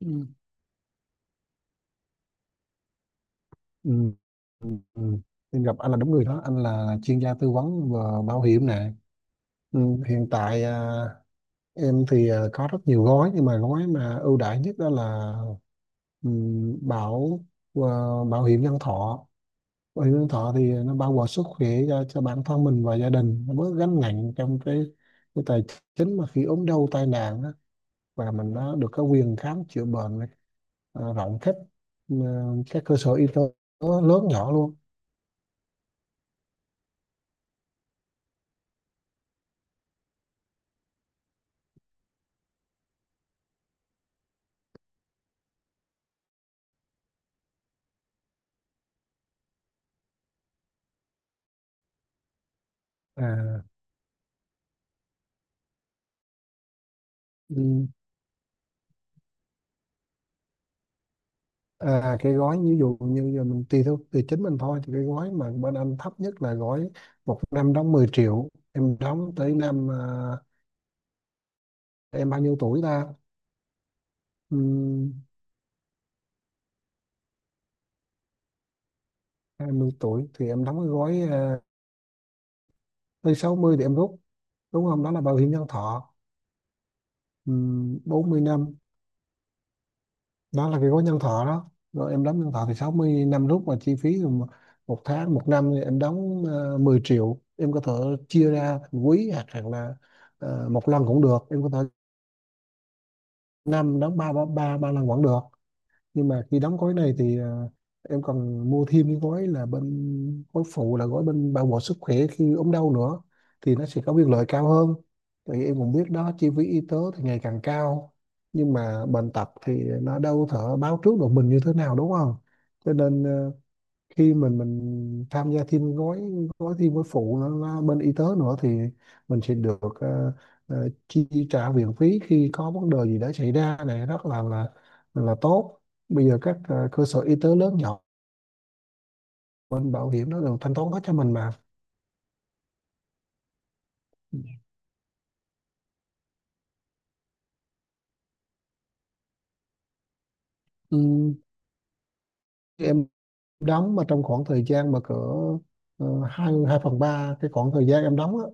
Ừ. Ừ. Ừ. Ừ. Em gặp anh là đúng người đó, anh là chuyên gia tư vấn về bảo hiểm nè. Ừ. Hiện tại em thì có rất nhiều gói, nhưng mà gói mà ưu đãi nhất đó là ừ, bảo à, bảo hiểm nhân thọ. Bảo hiểm nhân thọ thì nó bao gồm sức khỏe cho, bản thân mình và gia đình, nó bớt gánh nặng trong cái tài chính mà khi ốm đau tai nạn á, và mình nó được có quyền khám chữa bệnh rộng khắp ừ, các cơ sở y tế lớn nhỏ luôn. à, ừ, À, cái gói ví dụ như giờ mình tùy theo, tùy chính mình thôi, thì cái gói mà bên anh thấp nhất là gói một năm đóng 10 triệu, em đóng tới năm em bao nhiêu tuổi ta? um, 20 tuổi thì em đóng cái gói tới 60 thì em rút, đúng không? Đó là bảo hiểm nhân thọ. 40 năm, đó là cái gói nhân thọ đó. Rồi em đóng nhân thọ thì 60 năm rút, mà chi phí thì một một tháng, một năm thì em đóng 10 triệu. Em có thể chia ra thành quý, hoặc là một lần cũng được. Em có thể năm đóng ba ba ba ba lần vẫn được. Nhưng mà khi đóng gói này thì em còn mua thêm cái gói là bên gói phụ, là gói bên bảo hộ sức khỏe khi ốm đau nữa, thì nó sẽ có biên lợi cao hơn. Tại vì em cũng biết đó, chi phí y tế thì ngày càng cao, nhưng mà bệnh tật thì nó đâu thể báo trước được mình như thế nào, đúng không? Cho nên khi mình tham gia thêm gói, gói thêm gói phụ nó bên y tế nữa, thì mình sẽ được chi trả viện phí khi có vấn đề gì đã xảy ra, này rất là tốt. Bây giờ các cơ sở y tế lớn nhỏ, bên bảo hiểm nó đều thanh toán hết cho mình mà. Ừ, em đóng mà trong khoảng thời gian mà cỡ hai hai phần ba cái khoảng thời gian em đóng á,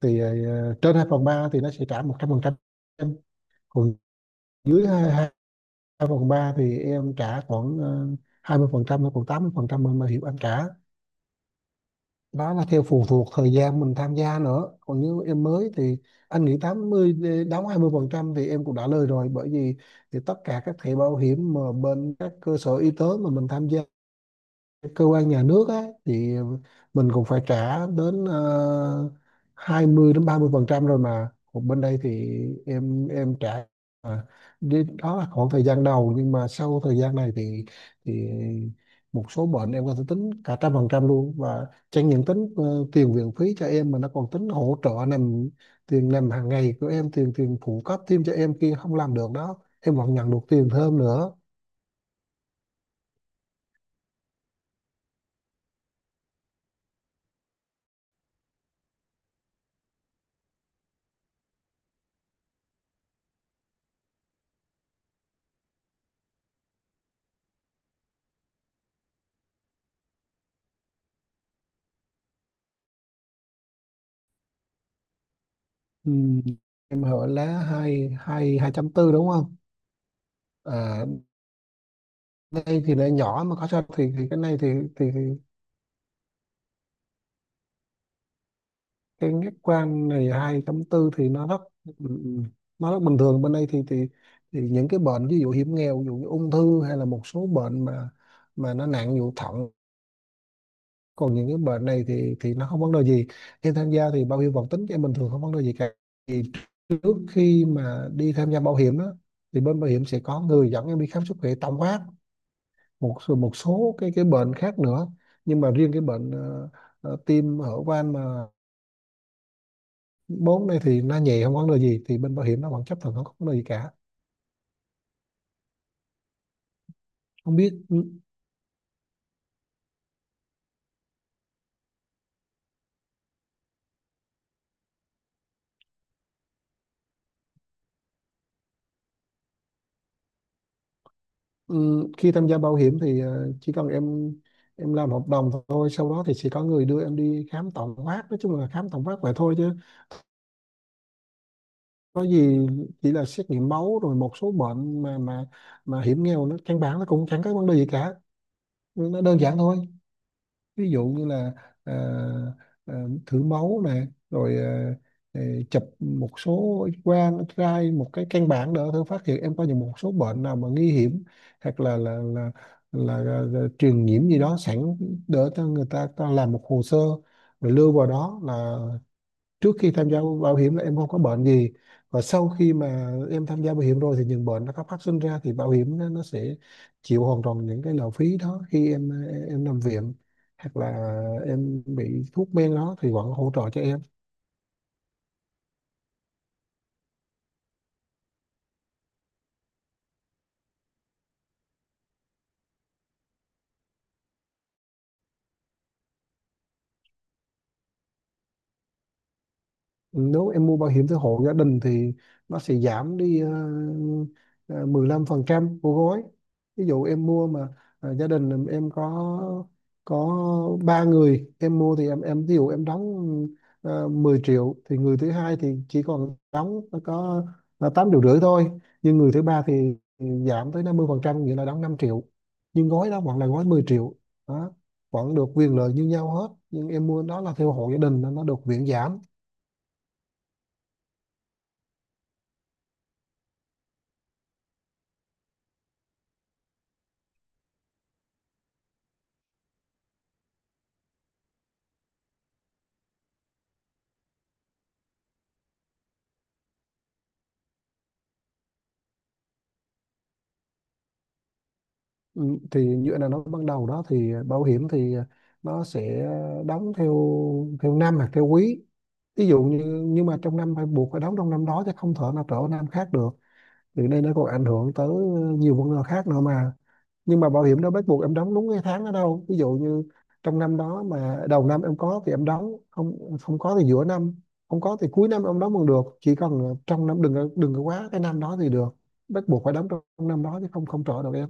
thì trên 2 phần 3 thì nó sẽ trả 100%. Em còn dưới hai, hai phần ba thì em trả khoảng 20%, hay khoảng 80% mình bảo hiểm anh trả. Đó là theo phụ thuộc thời gian mình tham gia nữa. Còn nếu em mới thì anh nghĩ 80 đi- đóng 20% thì em cũng đã lời rồi, bởi vì thì tất cả các thẻ bảo hiểm mà bên các cơ sở y tế mà mình tham gia cơ quan nhà nước á, thì mình cũng phải trả đến 20 đến 30% rồi, mà còn bên đây thì em trả mà. Đi- đó là khoảng thời gian đầu, nhưng mà sau thời gian này thì thì một số bệnh em có thể tính cả 100% luôn, và chẳng những tính tiền viện phí cho em, mà nó còn tính hỗ trợ nằm, tiền nằm hàng ngày của em, tiền tiền phụ cấp thêm cho em khi không làm được đó, em vẫn nhận được tiền thêm nữa. Ừ, em hỏi lá hai hai hai trăm tư đúng không? À, đây thì là nhỏ mà có sao, thì cái này thì thì cái nhất quan này, hai trăm tư thì nó rất nó rất bình thường. Bên đây thì thì những cái bệnh ví dụ hiểm nghèo, ví dụ như ung thư, hay là một số bệnh mà nó nặng, ví dụ thận. Còn những cái bệnh này thì nó không vấn đề gì, khi tham gia thì bảo hiểm vẫn tính cho em bình thường, không vấn đề gì cả. Thì trước khi mà đi tham gia bảo hiểm đó, thì bên bảo hiểm sẽ có người dẫn em đi khám sức khỏe tổng quát, một số cái bệnh khác nữa. Nhưng mà riêng cái bệnh tim hở van mà bốn này thì nó nhẹ, không có vấn đề gì, thì bên bảo hiểm nó vẫn chấp thuận, không có vấn đề gì cả. Không biết ừ, khi tham gia bảo hiểm thì chỉ cần em làm hợp đồng thôi. Sau đó thì sẽ có người đưa em đi khám tổng quát, nói chung là khám tổng quát vậy thôi, chứ có gì, chỉ là xét nghiệm máu rồi một số bệnh mà mà hiểm nghèo, nó căn bản nó cũng chẳng có vấn đề gì cả, nó đơn giản thôi. Ví dụ như là ờ, ờ, thử máu nè, rồi ờ, chụp một số X-quang, X-ray, một cái căn bản để thử phát hiện em có những một số bệnh nào mà nguy hiểm, hoặc là là truyền nhiễm gì đó sẵn, để cho người ta ta làm một hồ sơ, rồi lưu vào đó, là trước khi tham gia bảo hiểm là em không có bệnh gì. Và sau khi mà em tham gia bảo hiểm rồi thì những bệnh nó có phát sinh ra, thì bảo hiểm nó sẽ chịu hoàn toàn những cái lộ phí đó, khi em nằm viện, hoặc là em bị thuốc men đó thì vẫn hỗ trợ cho em. Nếu em mua bảo hiểm theo hộ gia đình thì nó sẽ giảm đi ờ, 15% của gói. Ví dụ em mua mà gia đình em có ba người em mua, thì em ví dụ em đóng 10 triệu, thì người thứ hai thì chỉ còn đóng có là 8 triệu rưỡi thôi. Nhưng người thứ ba thì giảm tới 50%, nghĩa là đóng 5 triệu. Nhưng gói đó vẫn là gói 10 triệu đó, vẫn được quyền lợi như nhau hết, nhưng em mua đó là theo hộ gia đình nên nó được miễn giảm. Ừ, thì như anh đã nói ban đầu đó, thì bảo hiểm thì nó sẽ đóng theo, theo năm hoặc theo quý, ví dụ như. Nhưng mà trong năm phải buộc phải đóng trong năm đó, chứ không thể nào trở năm khác được, thì đây nó còn ảnh hưởng tới nhiều vấn đề khác nữa mà. Nhưng mà bảo hiểm đâu bắt buộc em đóng đúng cái tháng đó đâu. Ví dụ như trong năm đó, mà đầu năm em có thì em đóng, không không có thì giữa năm, không có thì cuối năm em đóng còn được, chỉ cần trong năm đừng có- đừng có quá cái năm đó thì được. Bắt buộc phải đóng trong năm đó chứ không không trở được.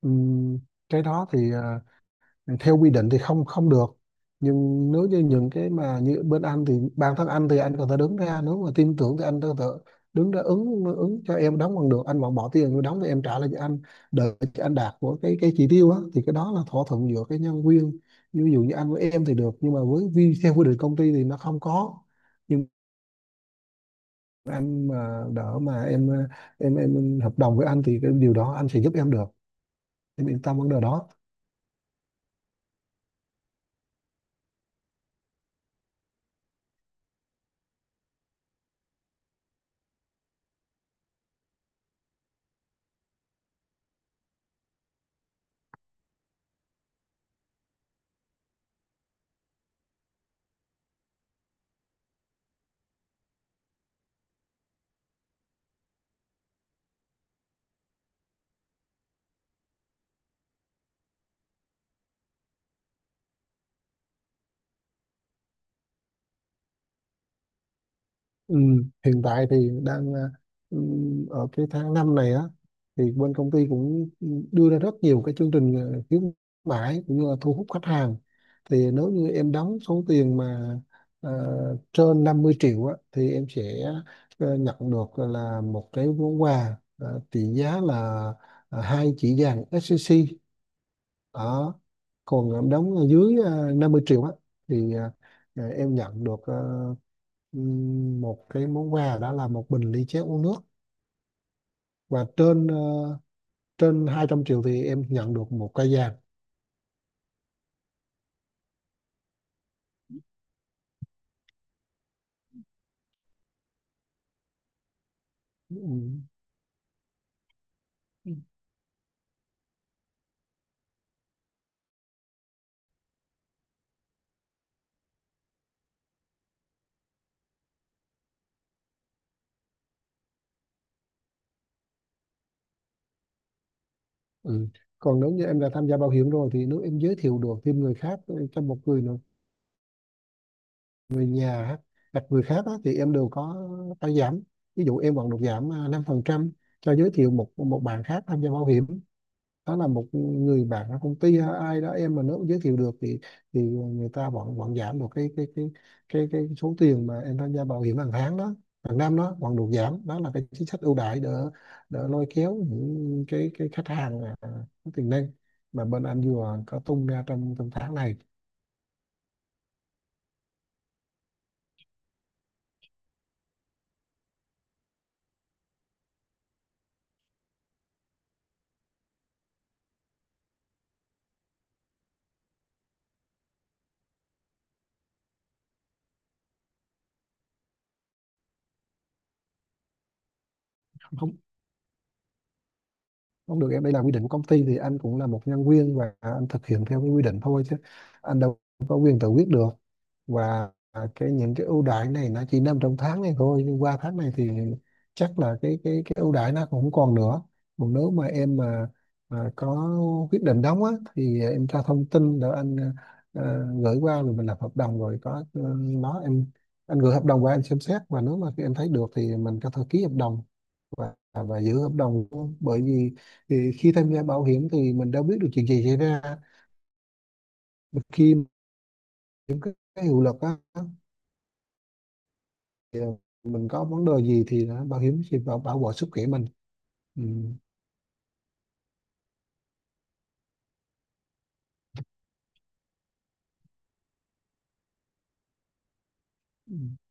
Ừm, cái đó thì theo quy định thì không không được. Nhưng nếu như những cái mà như bên anh, thì bản thân anh thì anh có thể đứng ra, nếu mà tin tưởng thì anh có thể đứng ra ứng ứng cho em đóng bằng được, anh vẫn bỏ tiền vô đóng thì em trả lại cho anh, đợi cho anh đạt của cái chỉ tiêu á, thì cái đó là thỏa thuận giữa cái nhân viên. Như ví dụ như anh với em thì được, nhưng mà với vi theo quy định công ty thì nó không có. Nhưng anh mà đỡ mà em, em hợp đồng với anh thì cái điều đó anh sẽ giúp em được, em yên tâm vấn đề đó. Ừ, hiện tại thì đang ở cái tháng 5 này á, thì bên công ty cũng đưa ra rất nhiều cái chương trình khuyến mãi, cũng như là thu hút khách hàng. Thì nếu như em đóng số tiền mà à, trên 50 triệu á, thì em sẽ nhận được là một cái món quà trị giá là 2 chỉ vàng SCC đó. Còn em đóng ở dưới 50 triệu á, thì em nhận được một cái món quà, đó là một bình ly chế uống nước. Và trên trên 200 triệu thì em nhận được một cây vàng. Ừm, ừ. Còn nếu như em đã tham gia bảo hiểm rồi, thì nếu em giới thiệu được thêm người khác, cho một người nữa, người nhà á, hoặc người khác á, thì em đều có phải giảm. Ví dụ em vẫn được giảm 5% cho giới thiệu một một bạn khác tham gia bảo hiểm. Đó là một người bạn ở công ty hay ai đó, em mà nếu giới thiệu được, thì người ta vẫn vẫn giảm được cái số tiền mà em tham gia bảo hiểm hàng tháng đó, hàng năm đó vẫn được giảm. Đó là cái chính sách ưu đãi, để lôi kéo những cái khách hàng có tiềm năng mà bên anh vừa có tung ra trong trong tháng này. Không, không được em, đây là quy định của công ty, thì anh cũng là một nhân viên và anh thực hiện theo cái quy định thôi, chứ anh đâu có quyền tự quyết được. Và cái những cái ưu đãi này nó chỉ nằm trong tháng này thôi, nhưng qua tháng này thì chắc là cái ưu đãi nó cũng không còn nữa. Còn nếu mà em mà có quyết định đóng á, thì em cho thông tin để anh gửi qua, rồi mình lập hợp đồng rồi có ờ, nó em anh gửi hợp đồng qua, anh xem xét, và nếu mà em thấy được thì mình có thể ký hợp đồng và giữ hợp đồng luôn. Bởi vì thì khi tham gia bảo hiểm thì mình đâu biết được chuyện gì xảy ra. Mà khi những cái hiệu lực á, thì mình có vấn đề gì thì bảo hiểm sẽ bảo bảo vệ sức khỏe mình. Ừ.